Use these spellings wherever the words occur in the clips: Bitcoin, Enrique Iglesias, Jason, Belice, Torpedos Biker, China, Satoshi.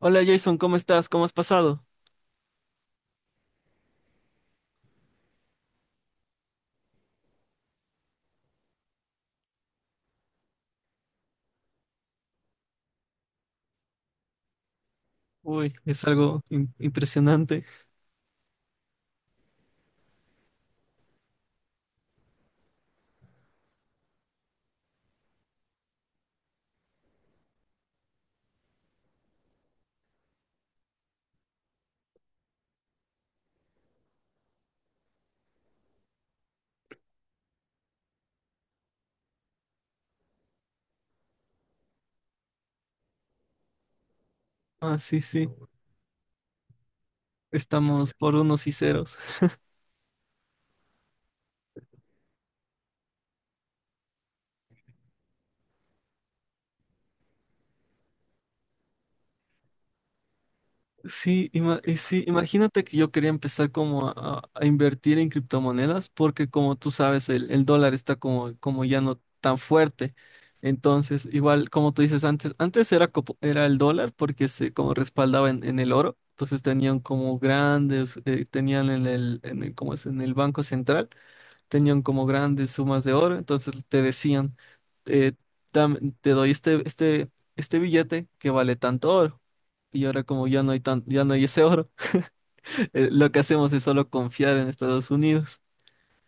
Hola Jason, ¿cómo estás? ¿Cómo has pasado? Uy, es algo impresionante. Ah, sí, sí, estamos por unos y ceros. Sí, sí, imagínate que yo quería empezar como a invertir en criptomonedas porque como tú sabes, el dólar está como ya no tan fuerte. Entonces, igual como tú dices antes, antes era, era el dólar porque se como respaldaba en el oro. Entonces tenían como grandes, tenían en el, ¿cómo es? En el Banco Central. Tenían como grandes sumas de oro, entonces te decían, eh, te doy este, este billete que vale tanto oro. Y ahora como ya no hay tan, ya no hay ese oro. Lo que hacemos es solo confiar en Estados Unidos.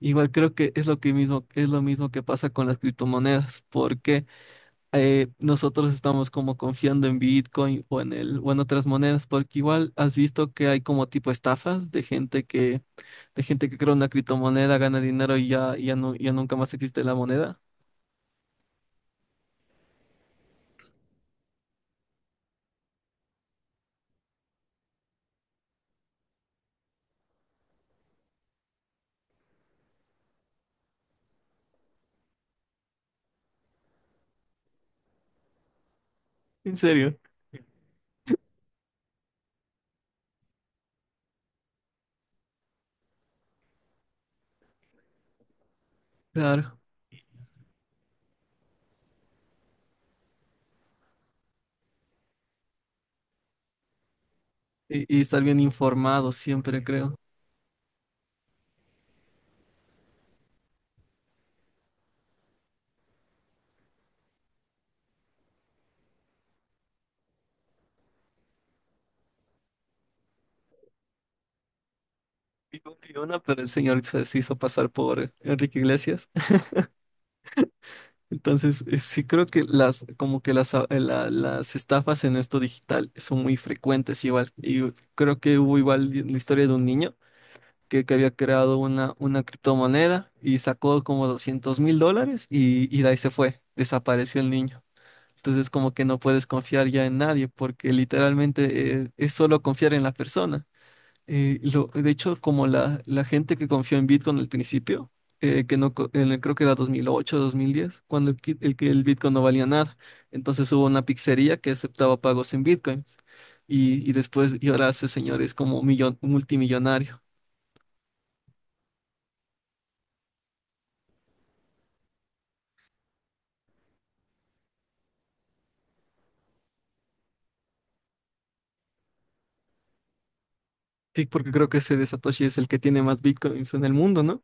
Igual creo que es lo que mismo, es lo mismo que pasa con las criptomonedas, porque nosotros estamos como confiando en Bitcoin o en el, o en otras monedas, porque igual has visto que hay como tipo estafas de gente que crea una criptomoneda, gana dinero y ya, no, ya nunca más existe la moneda. ¿En serio? Claro. Y estar bien informado siempre, creo. Y una, pero el señor se hizo pasar por Enrique Iglesias. Entonces, sí creo que las, como que las estafas en esto digital son muy frecuentes igual. Y creo que hubo igual la historia de un niño que había creado una criptomoneda y sacó como $200.000 y de ahí se fue. Desapareció el niño. Entonces como que no puedes confiar ya en nadie porque literalmente es solo confiar en la persona. De hecho, como la gente que confió en Bitcoin al principio, que no, creo que era 2008, 2010, cuando el, kit- el que el Bitcoin no valía nada. Entonces hubo una pizzería que aceptaba pagos en Bitcoins y después y ahora ese señor es como millon, multimillonario. Y porque creo que ese de Satoshi es el que tiene más Bitcoins en el mundo, ¿no?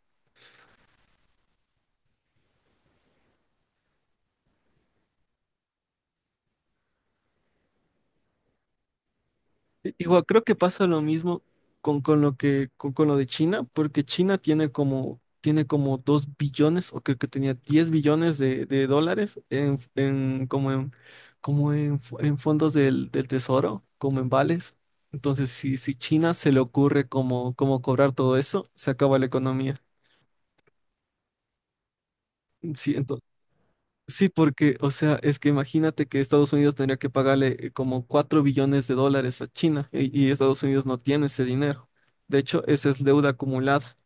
Sí, igual creo que pasa lo mismo con lo de China, porque China tiene como 2 billones o creo que tenía 10 billones de dólares en fondos del tesoro, como en vales. Entonces, si, si China se le ocurre como, como cobrar todo eso, se acaba la economía. Sí. Sí, porque, o sea, es que imagínate que Estados Unidos tendría que pagarle como 4 billones de dólares a China y Estados Unidos no tiene ese dinero. De hecho, esa es deuda acumulada.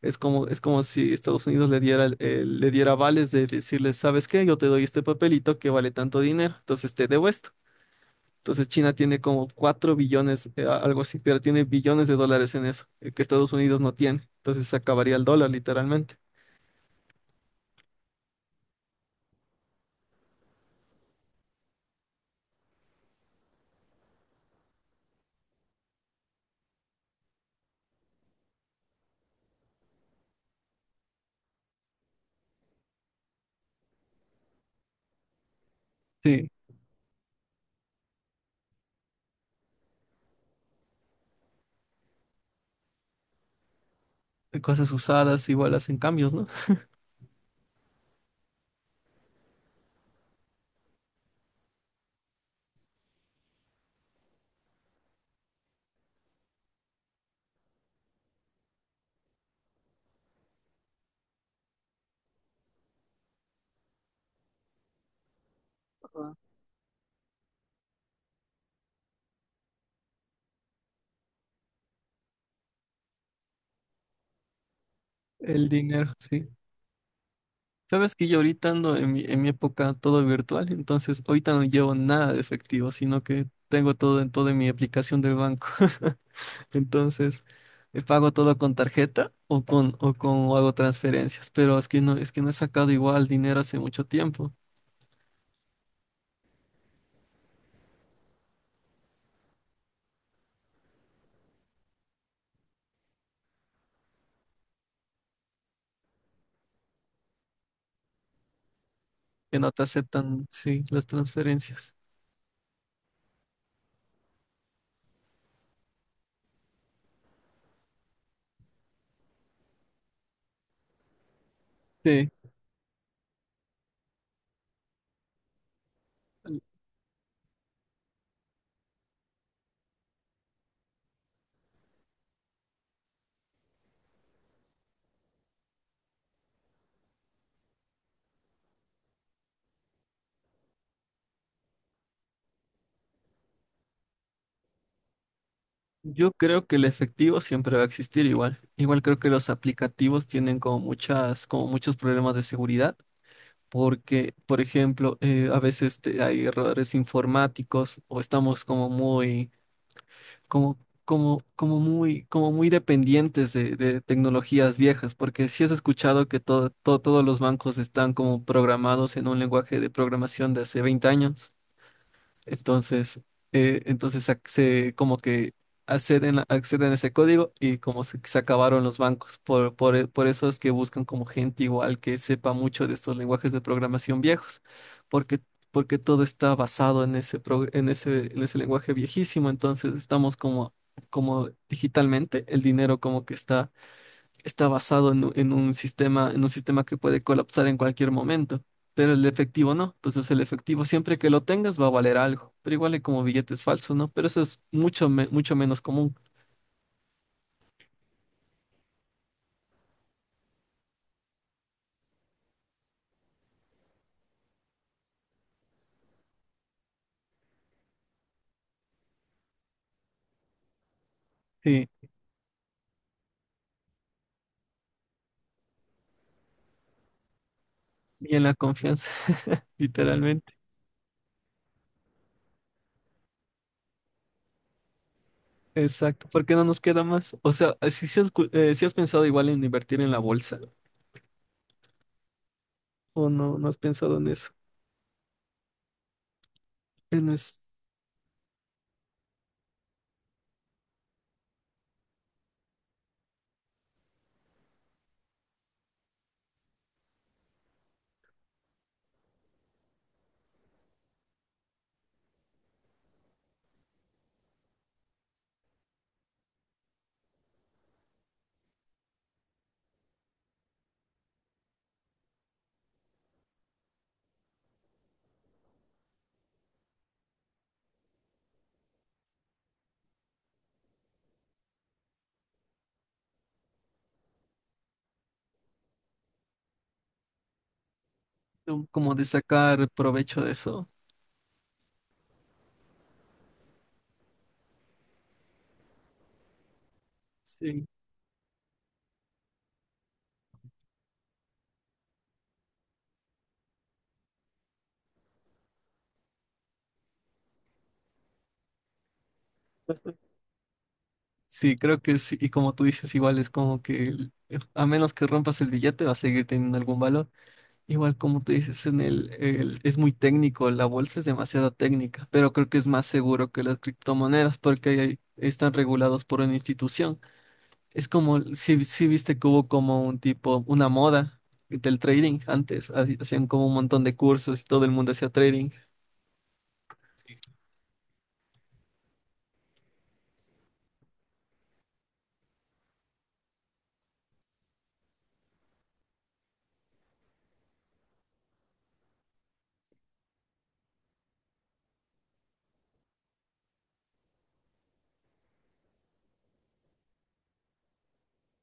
Es como si Estados Unidos le diera, le diera vales de decirle, ¿sabes qué? Yo te doy este papelito que vale tanto dinero, entonces te debo esto. Entonces China tiene como 4 billones, algo así, pero tiene billones de dólares en eso, que Estados Unidos no tiene. Entonces se acabaría el dólar literalmente. Sí, cosas usadas igual hacen cambios, ¿no? El dinero, sí. Sabes que yo ahorita ando en mi época todo virtual, entonces ahorita no llevo nada de efectivo, sino que tengo todo en toda mi aplicación del banco. Entonces, pago todo con tarjeta o hago transferencias, pero es que no he sacado igual dinero hace mucho tiempo, que no te aceptan, sí, las transferencias. Sí. Yo creo que el efectivo siempre va a existir igual. Igual creo que los aplicativos tienen como muchas, como muchos problemas de seguridad. Porque, por ejemplo, hay errores informáticos o estamos como muy, como, como, como muy dependientes de tecnologías viejas, porque si has escuchado que todos los bancos están como programados en un lenguaje de programación de hace 20 años. Entonces, como que acceden, acceden a ese código y como se acabaron los bancos. Por eso es que buscan como gente igual que sepa mucho de estos lenguajes de programación viejos, porque, porque todo está basado en ese, pro- en ese lenguaje viejísimo. Entonces estamos como, como digitalmente, el dinero como que está está basado en, en un sistema que puede colapsar en cualquier momento, pero el efectivo no. Entonces el efectivo siempre que lo tengas va a valer algo, pero igual es como billetes falsos, ¿no? Pero eso es mucho, mucho menos común. Sí, y en la confianza. Literalmente. Exacto, porque no nos queda más. O sea, si has pensado igual en invertir en la bolsa o no, no has pensado en eso, en es- como de sacar provecho de eso. Sí. Sí, creo que sí. Y como tú dices, igual es como que a menos que rompas el billete va a seguir teniendo algún valor. Igual como tú dices, en es muy técnico, la bolsa es demasiado técnica, pero creo que es más seguro que las criptomonedas porque están regulados por una institución. Es como si, si viste que hubo como un tipo, una moda del trading antes, hacían como un montón de cursos y todo el mundo hacía trading.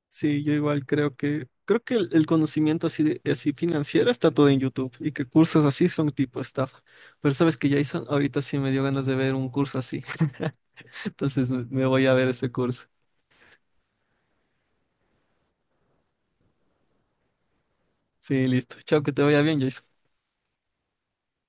Sí, yo igual creo que el conocimiento así, así financiero está todo en YouTube y que cursos así son tipo estafa. Pero sabes que Jason, ahorita sí me dio ganas de ver un curso así. Entonces me voy a ver ese curso. Sí, listo. Chao, que te vaya bien, Jason.